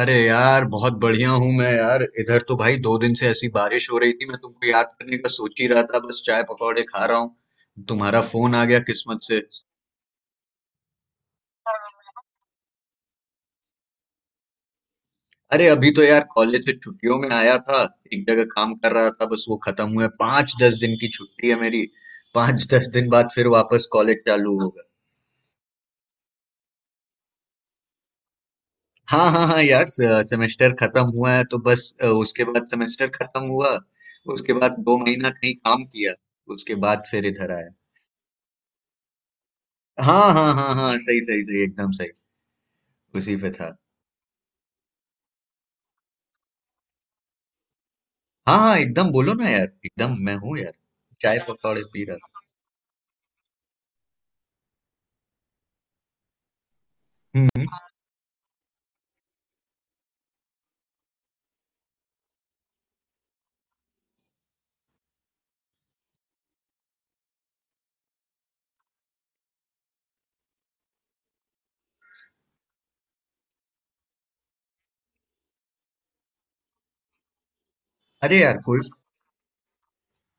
अरे यार बहुत बढ़िया हूँ मैं यार, इधर तो भाई दो दिन से ऐसी बारिश हो रही थी। मैं तुमको याद करने का सोच ही रहा था, बस चाय पकौड़े खा रहा हूँ तुम्हारा फोन आ गया किस्मत से। अरे अभी तो यार कॉलेज से छुट्टियों में आया था। एक जगह काम कर रहा था, बस वो खत्म हुआ है, 5 10 दिन की छुट्टी है मेरी। पाँच दस दिन बाद फिर वापस कॉलेज चालू होगा। हाँ हाँ हाँ यार, सेमेस्टर खत्म हुआ है तो बस उसके बाद सेमेस्टर खत्म हुआ। उसके बाद दो महीना कहीं काम किया। उसके बाद फिर इधर आया। हाँ हाँ हाँ हाँ, सही सही सही एकदम सही। उसी पे था। हाँ हाँ एकदम, बोलो ना यार, एकदम मैं हूँ यार। चाय पकौड़े पी रहा था। हम्म हम्म। अरे यार कोई,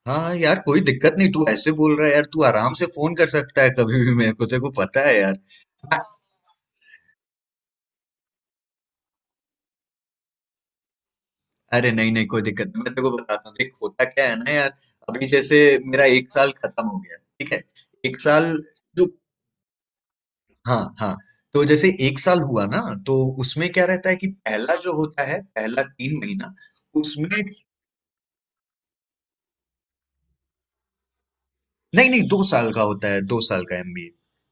हाँ यार कोई दिक्कत नहीं। तू ऐसे बोल रहा है यार, तू आराम से फोन कर सकता है कभी भी मेरे को, तेरे को पता है यार। हाँ, अरे नहीं नहीं कोई दिक्कत नहीं। मैं तेरे को बताता हूँ, देख होता क्या है ना यार। अभी जैसे मेरा 1 साल खत्म हो गया, ठीक है। एक साल जो, हाँ हाँ, तो जैसे एक साल हुआ ना, तो उसमें क्या रहता है कि पहला जो होता है पहला 3 महीना, उसमें, नहीं नहीं 2 साल का होता है, 2 साल का एमबीए,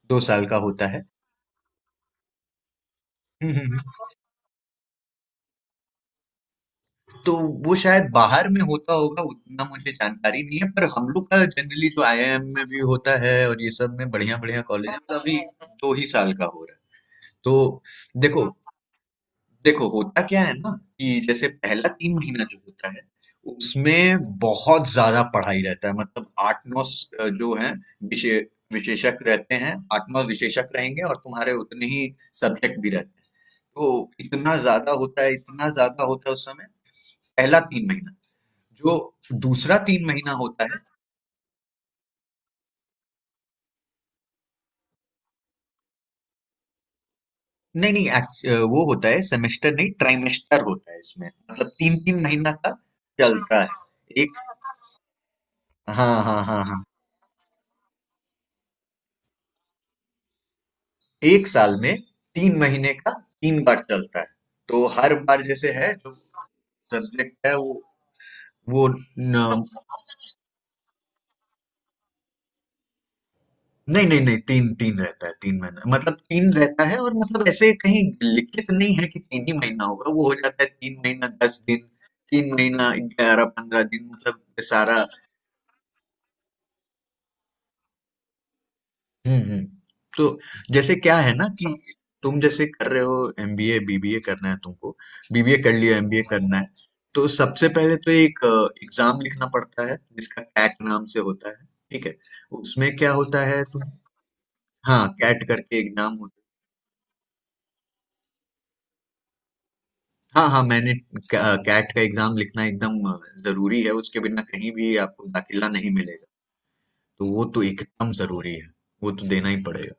2 साल का होता है। हम्म, हम्म, हम्म। तो वो शायद बाहर में होता होगा, उतना मुझे जानकारी नहीं है, पर हम लोग का जनरली जो आईआईएम में भी होता है और ये सब में बढ़िया बढ़िया कॉलेज में, तो अभी 2 ही साल का हो रहा है। तो देखो, देखो होता क्या है ना, कि जैसे पहला तीन महीना जो होता है, उसमें बहुत ज्यादा पढ़ाई रहता है। मतलब 8 9 जो है विशे, विशेषक रहते हैं, 8 9 विशेषक रहेंगे, और तुम्हारे उतने ही सब्जेक्ट भी रहते हैं। तो इतना ज्यादा होता है, इतना ज्यादा होता है उस समय, पहला तीन महीना। जो दूसरा तीन महीना होता है, नहीं नहीं वो होता है सेमेस्टर नहीं, ट्राइमेस्टर होता है इसमें, मतलब 3 3 महीना का चलता है एक, हाँ हाँ हाँ हाँ, एक साल में 3 महीने का 3 बार चलता है। तो हर बार जैसे है जो सब्जेक्ट है वो, नहीं नहीं नहीं, तीन तीन रहता है, तीन महीना मतलब तीन रहता है। और मतलब ऐसे कहीं लिखित नहीं है कि तीन ही महीना होगा, वो हो जाता है 3 महीना 10 दिन, 3 महीना 11 15 दिन, मतलब ये सारा। हम्म, तो जैसे क्या है ना कि तुम जैसे कर रहे हो एमबीए, बीबीए करना है तुमको, बीबीए कर लिया, एमबीए करना है। तो सबसे पहले तो एक एग्जाम लिखना पड़ता है जिसका कैट नाम से होता है, ठीक है। उसमें क्या होता है, तुम, हाँ कैट करके एग्जाम, हाँ हाँ मैंने, कैट का एग्जाम लिखना एकदम जरूरी है, उसके बिना कहीं भी आपको दाखिला नहीं मिलेगा। तो वो तो एकदम जरूरी है, वो तो देना ही पड़ेगा।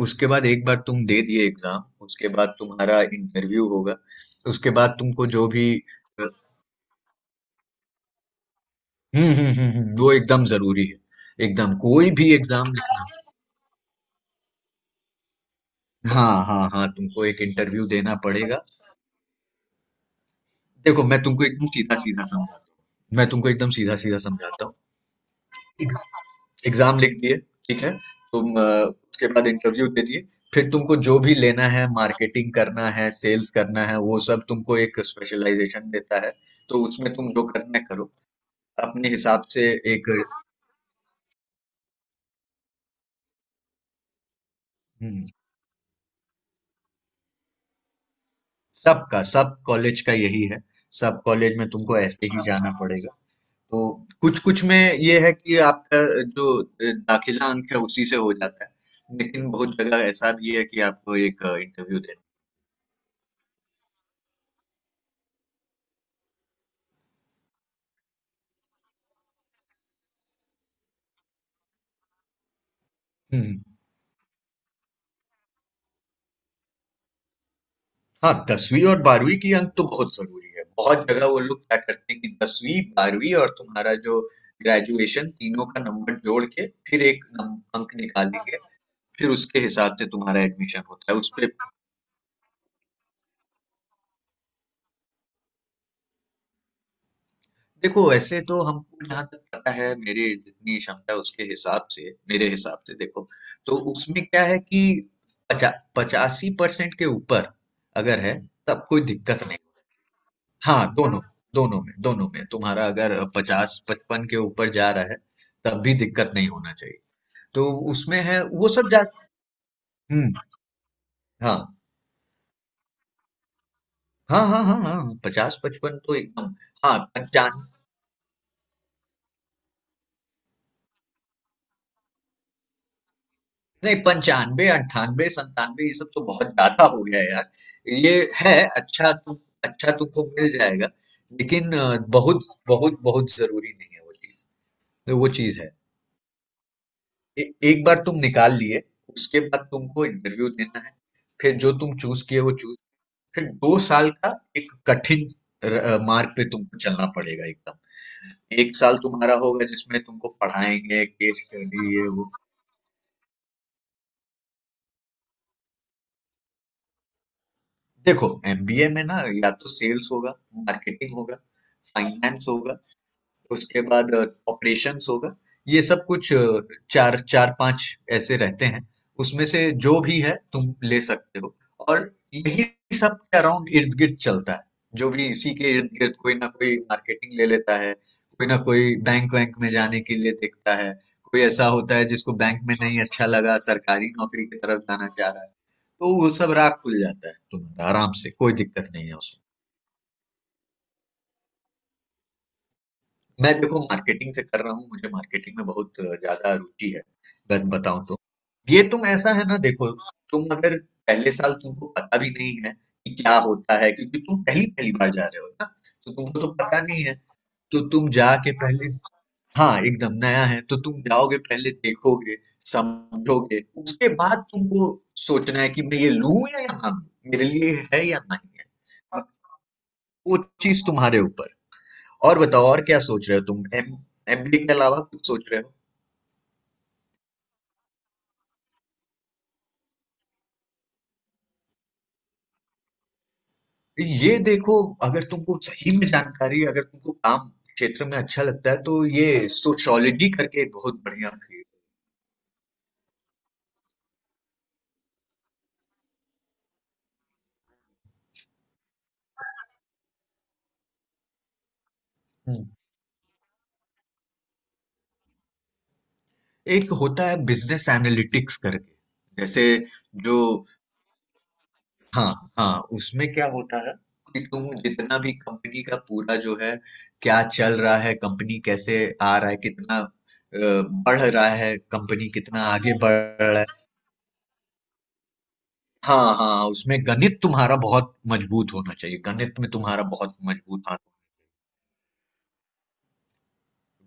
उसके बाद एक बार तुम दे दिए एग्जाम, उसके बाद तुम्हारा इंटरव्यू होगा। उसके बाद तुमको जो भी, अ, वो एकदम जरूरी है एकदम, कोई भी एग्जाम लिखना, हाँ हाँ हाँ तुमको एक इंटरव्यू देना पड़ेगा। देखो मैं तुमको एकदम सीधा सीधा समझाता हूँ, मैं तुमको एकदम सीधा सीधा समझाता हूँ एग्जाम लिख दिए, ठीक है। तुम उसके बाद इंटरव्यू दे दिए, फिर तुमको जो भी लेना है, मार्केटिंग करना है, सेल्स करना है, वो सब तुमको एक स्पेशलाइजेशन देता है। तो उसमें तुम जो करना है करो अपने हिसाब से। एक, हम्म, सबका सब कॉलेज का यही है, सब कॉलेज में तुमको ऐसे ही जाना पड़ेगा। तो कुछ कुछ में ये है कि आपका जो दाखिला अंक है उसी से हो जाता है, लेकिन बहुत जगह ऐसा भी है कि आपको एक इंटरव्यू देना। हम्म, हाँ 10वीं और 12वीं की अंक तो बहुत जरूरी है। बहुत जगह वो लोग क्या करते हैं कि 10वीं 12वीं और तुम्हारा जो ग्रेजुएशन, तीनों का नंबर जोड़ के फिर एक अंक निकालेंगे। फिर उसके हिसाब से तुम्हारा एडमिशन होता है उस पे। देखो ऐसे तो हमको जहाँ तक पता है, मेरे जितनी क्षमता है उसके हिसाब से, मेरे हिसाब से देखो, तो उसमें क्या है कि पचा 85% के ऊपर अगर है तब कोई दिक्कत, हाँ दोनों, दोनों में तुम्हारा अगर 50 55 के ऊपर जा रहा है, तब भी दिक्कत नहीं होना चाहिए। तो उसमें है वो सब जा, हम्म हाँ हाँ हाँ हाँ हाँ 50 55 तो एकदम, हाँ पंचान नहीं 95 98 97, ये सब तो बहुत ज्यादा हो गया यार। ये है, अच्छा तुम, अच्छा तुमको मिल जाएगा लेकिन बहुत, बहुत बहुत जरूरी नहीं है वो चीज, वो चीज है। एक बार तुम निकाल लिए, उसके बाद तुमको इंटरव्यू देना है, फिर जो तुम चूज किए वो चूज, फिर 2 साल का एक कठिन मार्ग पे तुमको चलना पड़ेगा एकदम। एक साल तुम्हारा होगा जिसमें तुमको पढ़ाएंगे केस स्टडी ये वो। देखो एमबीए में ना, या तो सेल्स होगा, मार्केटिंग होगा, फाइनेंस होगा, उसके बाद ऑपरेशंस होगा, ये सब कुछ चार चार पांच ऐसे रहते हैं। उसमें से जो भी है तुम ले सकते हो, और यही सब के अराउंड इर्द गिर्द चलता है। जो भी इसी के इर्द गिर्द, कोई ना कोई मार्केटिंग ले लेता है, कोई ना कोई बैंक वैंक में जाने के लिए देखता है, कोई ऐसा होता है जिसको बैंक में नहीं अच्छा लगा, सरकारी नौकरी की तरफ जाना चाह रहा है। तो वो सब राह खुल जाता है तुम्हारा आराम से, कोई दिक्कत नहीं है उसमें। मैं देखो मार्केटिंग से कर रहा हूँ, मुझे मार्केटिंग में बहुत ज्यादा रुचि है अगर बताऊं तो। ये तुम, ऐसा है ना देखो, तुम अगर पहले साल तुमको पता भी नहीं है कि क्या होता है, क्योंकि तुम पहली पहली बार जा रहे हो ना, तो तुमको तो पता नहीं है। तो तुम जाके पहले, हाँ एकदम नया है, तो तुम जाओगे पहले देखोगे समझोगे, उसके बाद तुमको सोचना है कि मैं ये लूं या ना लूं, मेरे लिए है या नहीं है। अब वो चीज तुम्हारे ऊपर। और बताओ और क्या सोच रहे हो, तुम एम, एमडी के अलावा कुछ सोच रहे हो। तो ये देखो, अगर तुमको सही में जानकारी, अगर तुमको काम क्षेत्र में अच्छा लगता है, तो ये सोशियोलॉजी करके एक बहुत बढ़िया फील्ड है। एक होता है बिजनेस एनालिटिक्स करके, जैसे जो, हाँ हाँ उसमें क्या होता है कि तुम जितना भी कंपनी का पूरा जो है, क्या चल रहा है, कंपनी कैसे आ रहा है, कितना बढ़ रहा है, कंपनी कितना आगे बढ़ रहा है। हाँ, हाँ, उसमें गणित तुम्हारा बहुत मजबूत होना चाहिए। गणित में तुम्हारा बहुत मजबूत, हाँ,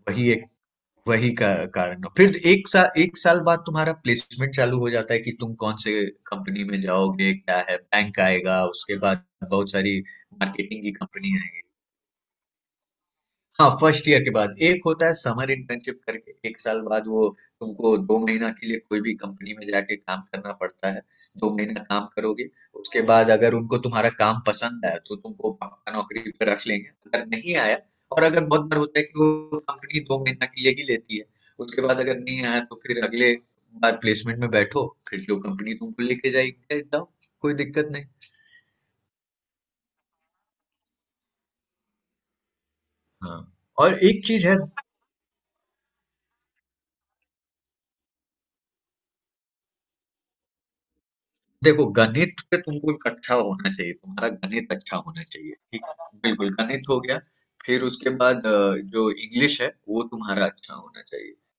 वही एक, वही का कारण है। फिर 1 साल बाद तुम्हारा प्लेसमेंट चालू हो जाता है कि तुम कौन से कंपनी में जाओगे, क्या है बैंक आएगा, उसके बाद बहुत सारी मार्केटिंग की कंपनी आएगी। हाँ फर्स्ट ईयर के बाद एक होता है समर इंटर्नशिप करके, 1 साल बाद वो तुमको 2 महीना के लिए कोई भी कंपनी में जाके काम करना पड़ता है। दो महीना काम करोगे, उसके बाद अगर उनको तुम्हारा काम पसंद आया तो तुमको पक्का नौकरी पर रख लेंगे, अगर नहीं आया, और अगर, बहुत बार होता है कि वो कंपनी 2 महीना के लिए ही लेती है, उसके बाद अगर नहीं आया तो फिर अगले बार प्लेसमेंट में बैठो, फिर जो कंपनी तुमको लेके जाएगी जाओ, कोई दिक्कत नहीं। हाँ और एक चीज है, देखो गणित पे तुमको एक अच्छा होना चाहिए, तुम्हारा गणित अच्छा होना चाहिए, ठीक, बिल्कुल गणित हो गया। फिर उसके बाद जो इंग्लिश है वो तुम्हारा अच्छा होना चाहिए।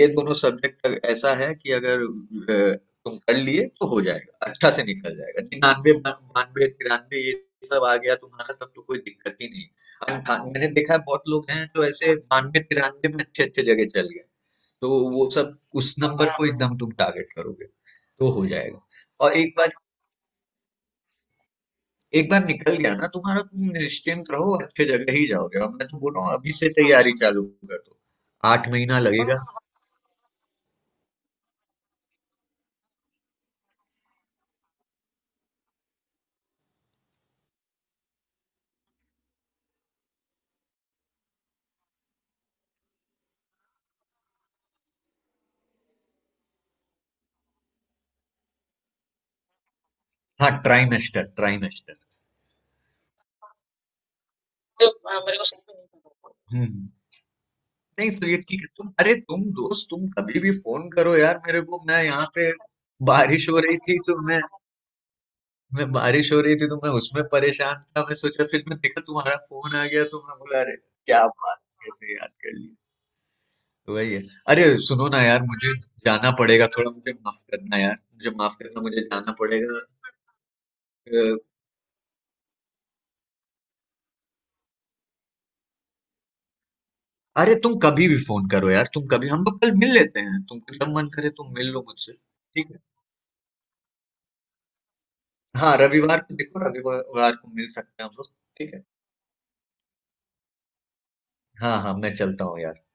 ये दोनों सब्जेक्ट ऐसा है कि अगर तुम कर लिए तो हो जाएगा, अच्छा से निकल जाएगा, 99 92 93 ये सब आ गया तुम्हारा तब तो कोई दिक्कत ही नहीं। अंठा, मैंने देखा है बहुत लोग हैं जो ऐसे 92 93 में अच्छे अच्छे जगह चल गए। तो वो सब, उस नंबर को एकदम तुम टारगेट करोगे तो हो जाएगा। और एक बात, एक बार निकल गया ना तुम्हारा, तुम निश्चिंत रहो, अच्छे जगह ही जाओगे। और मैं तो बोल रहा हूँ अभी से हाँ तैयारी चालू कर दो, 8 महीना लगेगा। हाँ ट्राइमेस्टर ट्राइमेस्टर। हम्म हम्म। नहीं तो ये ठीक है तुम, अरे तुम दोस्त, तुम कभी भी फोन करो यार मेरे को, मैं यहाँ पे बारिश हो रही थी तो मैं बारिश हो रही थी तो मैं उसमें परेशान था, मैं सोचा, फिर मैं देखा तुम्हारा फोन आ गया, तो मैं बोला अरे क्या बात, कैसे याद कर, तो वही है। अरे सुनो ना यार, मुझे जाना पड़ेगा थोड़ा, मुझे माफ करना यार, मुझे माफ करना, मुझे जाना पड़ेगा। अ, अरे तुम कभी भी फोन करो यार, तुम कभी, हम लोग कल मिल लेते हैं, तुमको जब मन करे तुम मिल लो मुझसे, ठीक है। हाँ रविवार को देखो, रविवार को मिल सकते हैं हम लोग। ठीक है। हाँ हाँ मैं चलता हूँ यार।